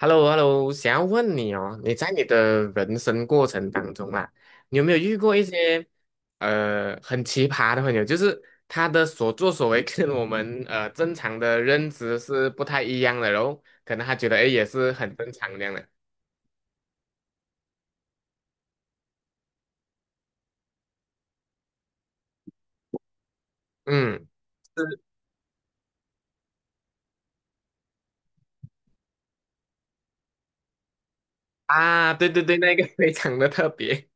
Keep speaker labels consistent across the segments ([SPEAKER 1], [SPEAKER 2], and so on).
[SPEAKER 1] h e l l o h e l l o 想要问你哦，你在你的人生过程当中啊，你有没有遇过一些很奇葩的朋友？就是他的所作所为 跟我们正常的认知是不太一样的，然后可能他觉得哎也是很正常这样的。嗯，是啊，对对对，那个 非常的特别。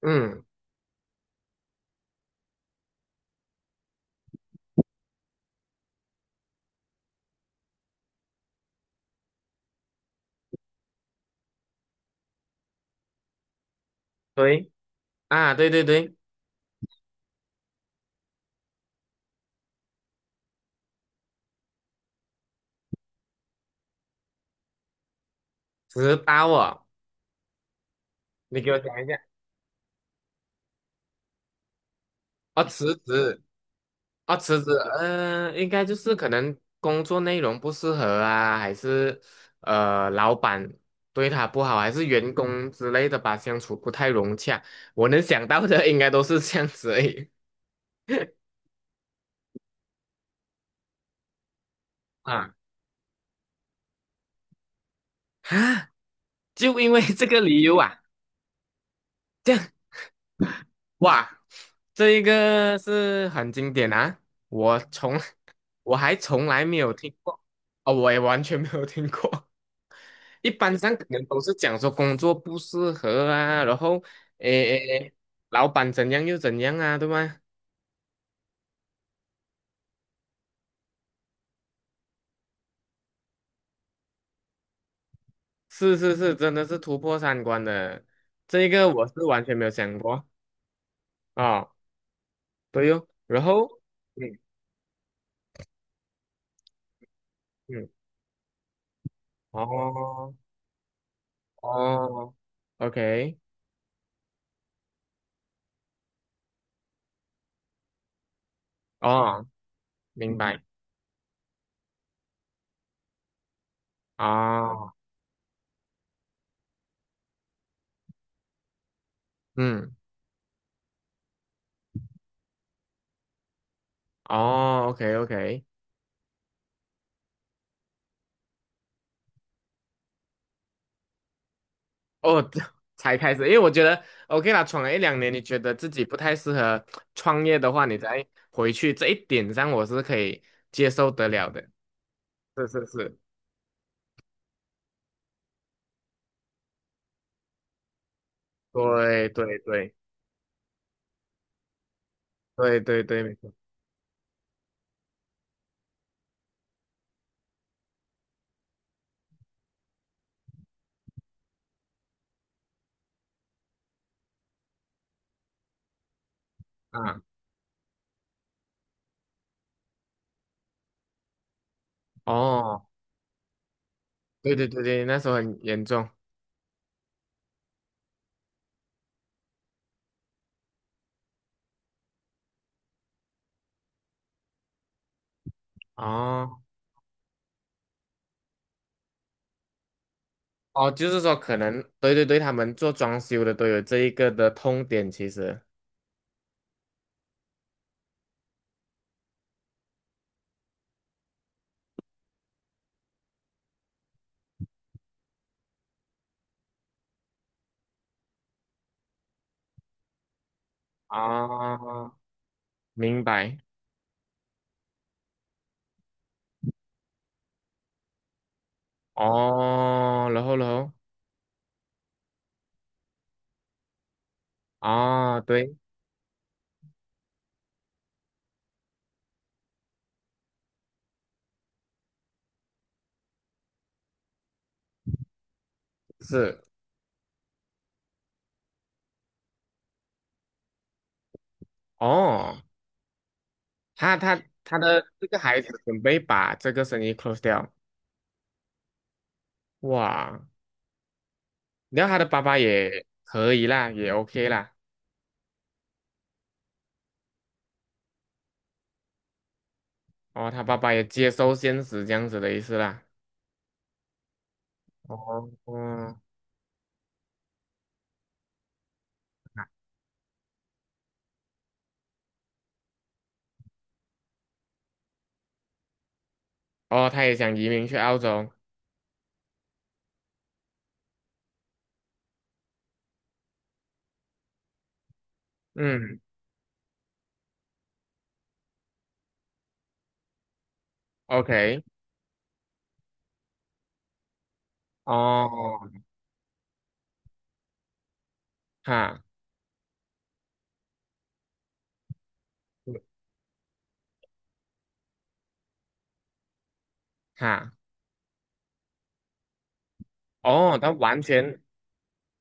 [SPEAKER 1] 嗯，对啊，对对对，迟到哦，你给我讲一下哦，辞职啊，辞职，嗯、应该就是可能工作内容不适合啊，还是老板对他不好，还是员工之类的吧，相处不太融洽。我能想到的应该都是这样子而已啊啊，就因为这个理由啊，这样哇，这一个是很经典啊，我从 我还从来没有听过，哦，我也完全没有听过。一般上可能都是讲说工作不适合啊，然后诶诶，诶老板怎样又怎样啊，对吗？是是是，真的是突破三观的，这一个我是完全没有想过啊、哦对哟。然后嗯嗯，哦哦，OK，哦，明白，哦，嗯，哦，OK OK。哦，这才开始，因为我觉得 OK 啦，闯了一两年，你觉得自己不太适合创业的话，你再回去这一点上，我是可以接受得了的。是是是，对对对对对对，没错啊，哦，对对对对，那时候很严重哦哦，就是说可能对对对，他们做装修的都有这一个的痛点，其实啊，明白哦，然后啊，对，是哦。他的这个孩子准备把这个生意 close 掉，哇！然后他的爸爸也可以啦，也 OK 啦，哦，他爸爸也接受现实这样子的意思啦，哦，哦哦，他也想移民去澳洲，嗯，OK，哦，哈哈，哦，他完全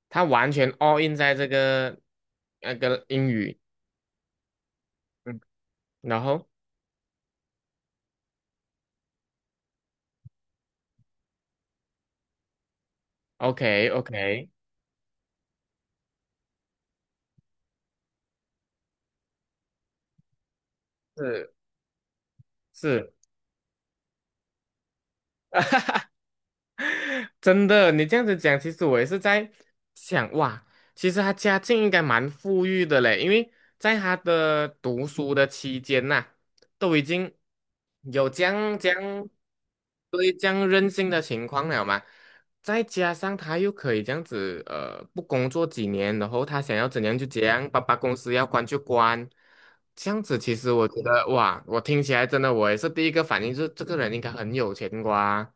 [SPEAKER 1] 他完全 all in 在这个那个英语，嗯，然后 OK OK，是是。真的，你这样子讲，其实我也是在想，哇，其实他家境应该蛮富裕的嘞，因为在他的读书的期间呐、都已经有这样这样，对这样任性的情况了嘛，再加上他又可以这样子，呃，不工作几年，然后他想要怎样就怎样，爸爸公司要关就关，这样子其实我觉得，哇，我听起来真的，我也是第一个反应就是这个人应该很有钱瓜，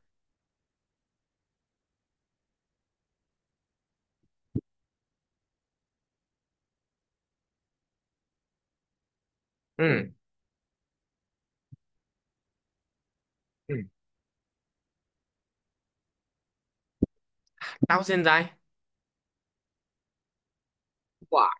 [SPEAKER 1] 嗯。嗯到现在哇，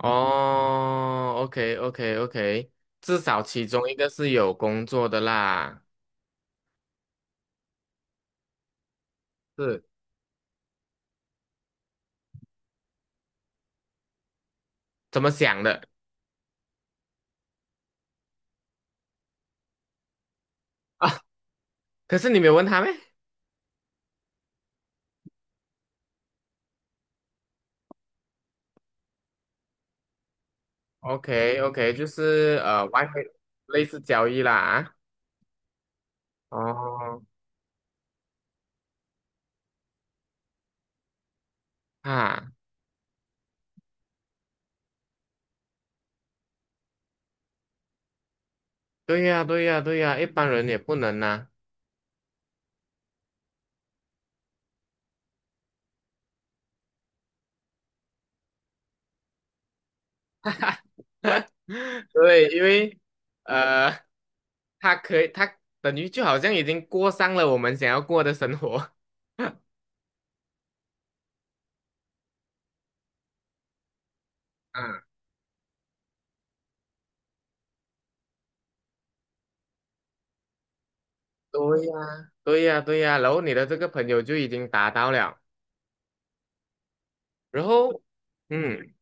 [SPEAKER 1] 哦，OK OK OK，至少其中一个是有工作的啦，是怎么想的？啊，可是你没有问他咩 ？OK OK，就是外汇类似交易啦啊，哦啊，对呀对呀对呀，一般人也不能呐、对，因为 呃他可以他等于就好像已经过上了我们想要过的生活，嗯对呀，对呀，对呀，然后你的这个朋友就已经达到了，然后，嗯，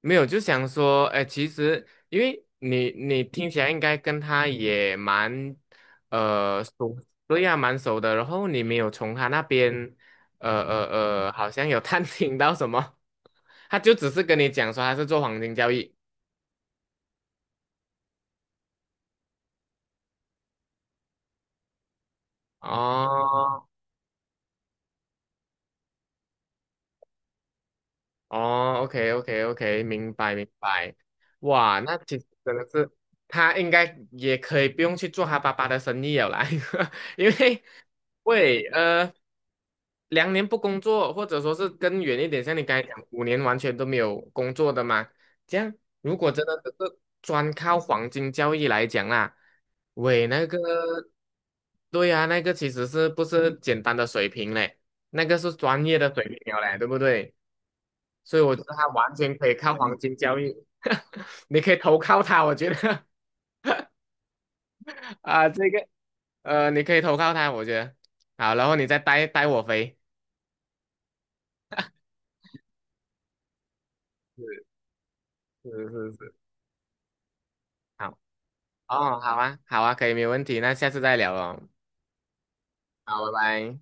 [SPEAKER 1] 没有，就想说，哎，其实因为你听起来应该跟他也蛮，熟，对呀，蛮熟的，然后你没有从他那边，呃呃好像有探听到什么，他就只是跟你讲说他是做黄金交易，哦，哦，OK OK OK，明白明白。哇，那其实真的是他应该也可以不用去做他爸爸的生意了啦，因为喂2年不工作，或者说是更远一点，像你刚才讲5年完全都没有工作的嘛，这样如果真的只是专靠黄金交易来讲啦，喂那个对啊，那个其实是不是简单的水平嘞？那个是专业的水平了嘞，对不对？所以我觉得他完全可以靠黄金交易，你可以投靠他。我觉得 啊，这个你可以投靠他。我觉得好，然后你再带带我飞，是是是是，好哦，好啊，好啊，可以，没问题，那下次再聊哦，好，拜拜。